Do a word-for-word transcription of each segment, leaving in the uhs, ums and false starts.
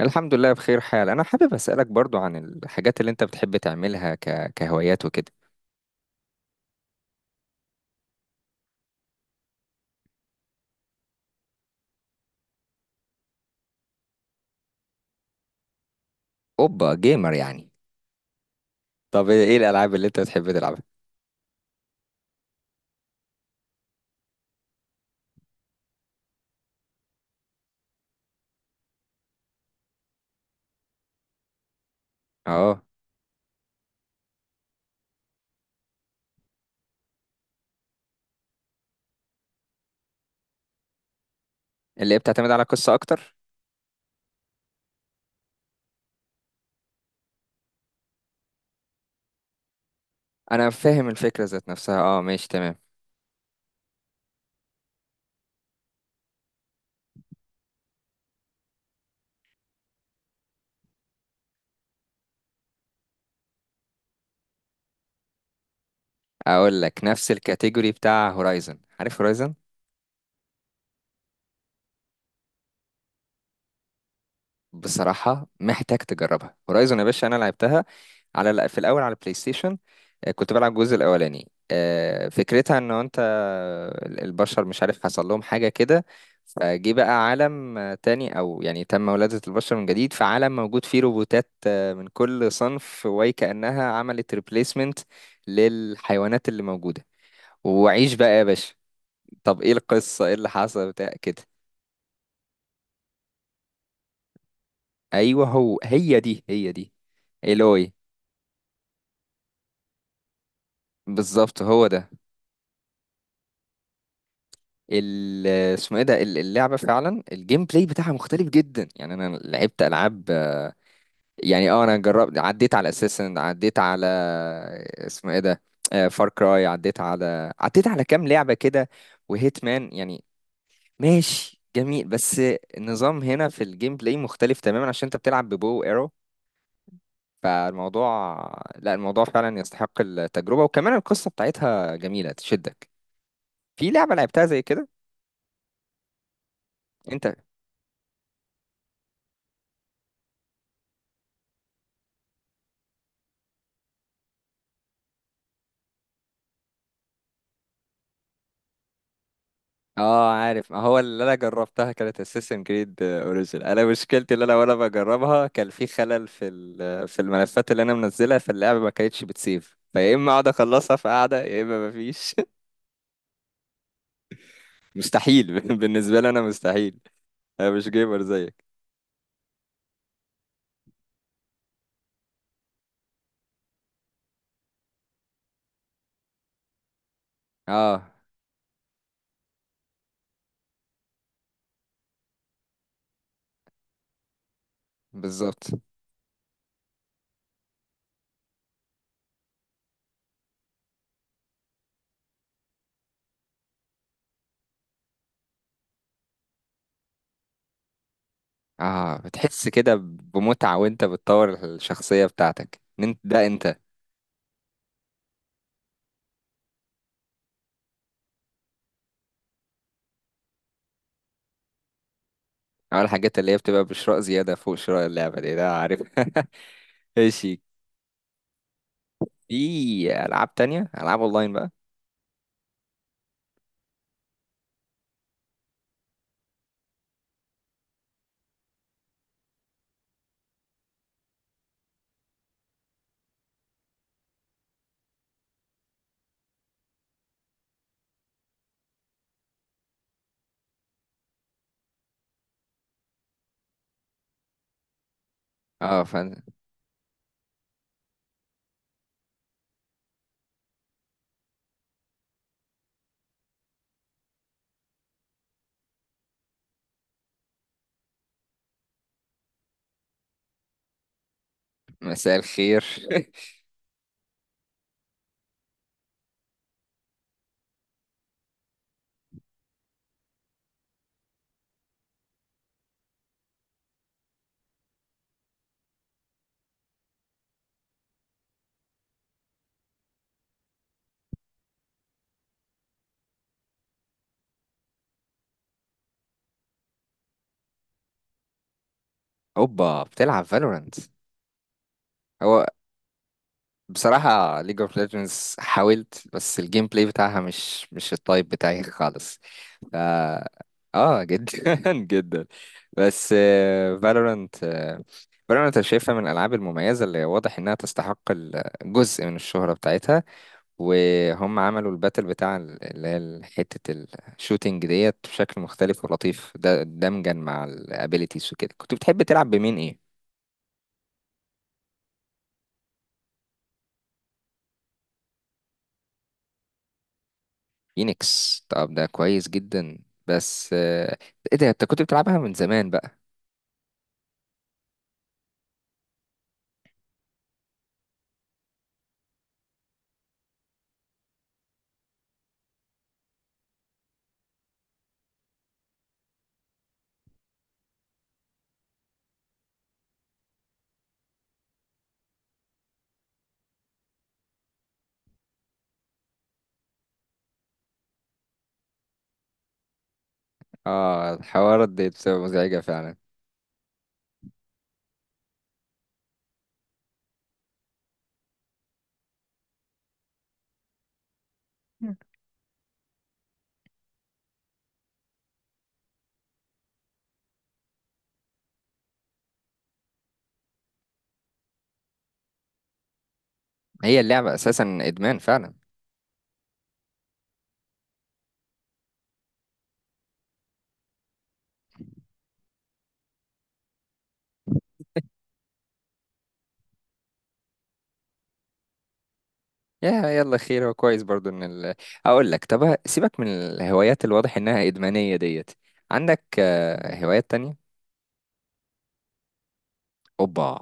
الحمد لله بخير حال. انا حابب اسالك برضو عن الحاجات اللي انت بتحب تعملها ك... كهوايات وكده. اوبا، جيمر يعني؟ طب ايه الالعاب اللي انت بتحب تلعبها؟ اه، اللي هي بتعتمد على قصه اكتر. انا فاهم الفكره ذات نفسها. اه، ماشي تمام. اقول لك نفس الكاتيجوري بتاع هورايزن. عارف هورايزن؟ بصراحة محتاج تجربها هورايزون يا باشا. أنا لعبتها على الأ- في الأول على البلاي ستيشن. آه، كنت بلعب الجزء الأولاني. آه، فكرتها إن أنت ال- البشر مش عارف حصل لهم حاجة كده. فجه بقى عالم آه، تاني، أو يعني تم ولادة البشر من جديد في عالم موجود فيه روبوتات آه، من كل صنف، وكأنها عملت ريبليسمنت للحيوانات اللي موجودة. وعيش بقى يا باشا. طب إيه القصة؟ إيه اللي حصل بتاع كده؟ أيوه، هو هي دي هي دي. إيلوي. بالظبط هو ده. ال- اسمه ايه ده؟ ال- اللعبه فعلا الجيم بلاي بتاعها مختلف جدا، يعني انا لعبت العاب، يعني اه انا جربت عديت على اساسن، عديت على، اسمه ايه ده، فار كراي، عديت على عديت على كام لعبه كده، وهيت مان يعني. ماشي جميل، بس النظام هنا في الجيم بلاي مختلف تماما عشان انت بتلعب ببو ايرو. فالموضوع لا، الموضوع فعلا يستحق التجربه، وكمان القصه بتاعتها جميله تشدك. في لعبه لعبتها زي كده انت؟ اه عارف، ما هو اللي انا جربتها كانت اساسن كريد اوريجين. انا مشكلتي اللي انا وانا بجربها كان في خلل في ال- في الملفات اللي انا منزلها، فاللعبه ما كانتش بتسيف فيا، اما اقعد اخلصها في قعده يا اما ما فيش. مستحيل. بالنسبه لي انا مستحيل. انا مش جيمر زيك. اه، بالظبط. اه، بتحس كده بمتعه وانت بتطور الشخصيه بتاعتك إن انت ده انت. أول الحاجات اللي هي بتبقى بشراء زياده فوق شراء اللعبه دي، ده عارف؟ ايش؟ في العاب تانية، العاب اونلاين بقى؟ اه، فن. مساء الخير. اوبا، بتلعب فالورانت؟ هو بصراحة ليج اوف ليجندز حاولت، بس الجيم بلاي بتاعها مش مش التايب بتاعي خالص. ف... اه جدا، جدا. بس فالورانت. فالورانت انا شايفها من الالعاب المميزة اللي واضح انها تستحق ال- جزء من الشهرة بتاعتها. وهم عملوا الباتل بتاع ال- اللي هي ال- حتة الشوتينج ديت بشكل مختلف ولطيف، ده دمجا مع الابيليتيز وكده. كنت بتحب تلعب بمين، ايه؟ فينيكس؟ طب ده كويس جدا. بس، آه، ايه ده انت كنت بتلعبها من زمان بقى؟ اه، الحوارات دي بتبقى مزعجة فعلا. هي اللعبة اساسا ادمان فعلا. يا يلا خير، هو كويس برضو ان ال... اقول لك، طب سيبك من الهوايات الواضح انها ادمانية ديت. عندك آه، هوايات تانية؟ اوبا.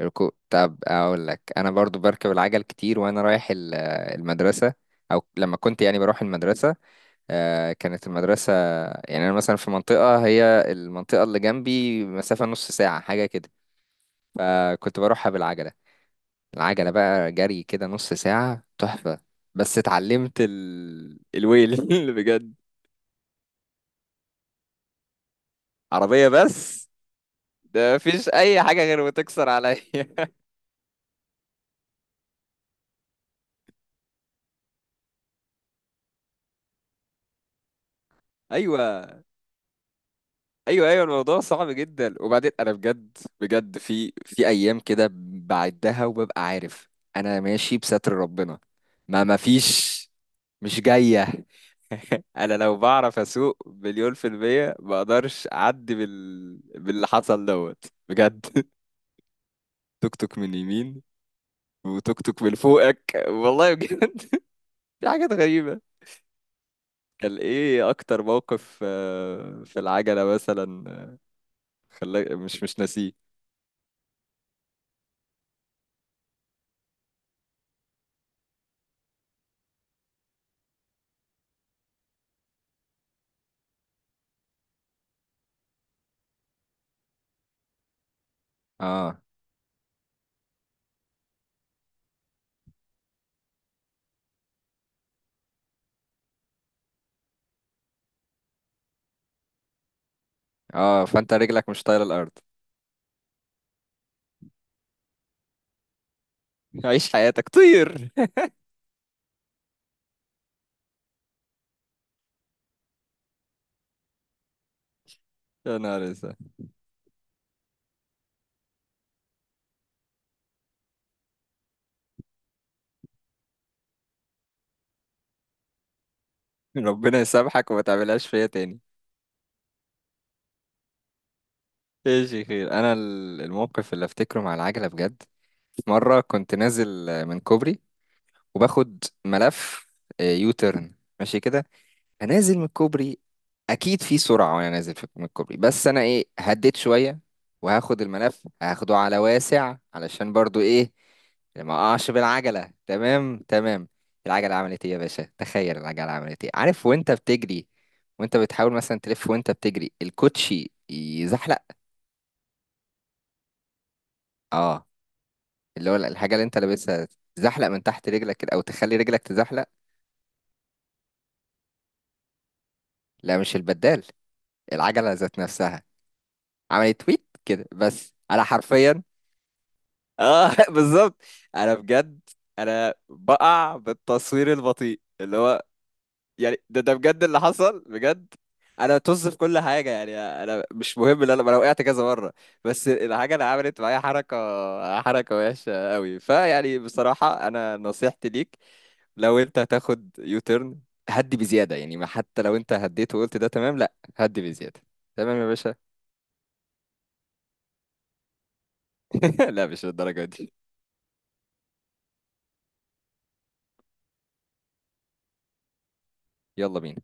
ركوب؟ طب اقول لك انا برضو بركب العجل كتير وانا رايح ال- المدرسه، او لما كنت يعني بروح المدرسه. آه، كانت المدرسه، يعني انا مثلا في منطقه، هي المنطقه اللي جنبي مسافه نص ساعه حاجه كده، فكنت بروحها بالعجله. العجله بقى جري كده نص ساعه تحفه. بس اتعلمت ال... الويل. بجد. عربيه، بس ده مفيش اي حاجه غير بتكسر عليا. ايوه، ايوه، ايوه. الموضوع صعب جدا. وبعدين انا بجد بجد في في ايام كده بعدها وببقى عارف انا ماشي بستر ربنا، ما ما فيش، مش جايه. انا لو بعرف اسوق مليون في المية ما اقدرش اعدي بال... باللي حصل دوت، بجد. توك توك من يمين، وتوك توك من فوقك، والله بجد. في حاجات غريبة. كان ايه اكتر موقف آه، في العجلة مثلا خلاك مش مش ناسيه؟ اه. اه، فانت رجلك مش طايله الارض. عيش حياتك طير. يا نهار اسود. ربنا يسامحك وما تعملهاش فيا تاني. ايش يا خير، انا ال- الموقف اللي افتكره مع العجله بجد، في مره كنت نازل من كوبري وباخد ملف يوتيرن ماشي كده. انا نازل من الكوبري، اكيد في سرعه وانا نازل في من الكوبري، بس انا ايه هديت شويه، وهاخد الملف هاخده على واسع علشان برضو ايه، ما اقعش بالعجله. تمام تمام. العجله عملت ايه يا باشا؟ تخيل العجله عملت ايه. عارف وانت بتجري، وانت بتحاول مثلا تلف وانت بتجري الكوتشي يزحلق؟ اه، اللي هو الحاجه اللي انت لابسها تزحلق من تحت رجلك كده، او تخلي رجلك تزحلق. لا، مش البدال. العجله ذات نفسها عملت تويت كده، بس انا حرفيا. اه، بالظبط. انا بجد، انا بقع بالتصوير البطيء، اللي هو يعني ده ده بجد اللي حصل بجد. انا طز في كل حاجه، يعني انا مش مهم ان انا انا وقعت كذا مره، بس الحاجه اللي عملت معايا حركه حركه وحشه قوي. فيعني بصراحه انا نصيحتي ليك، لو انت هتاخد يو تيرن، هدي بزياده. يعني ما حتى لو انت هديت وقلت ده تمام، لا، هدي بزياده. تمام يا باشا. لا مش للدرجه دي. يلا بينا.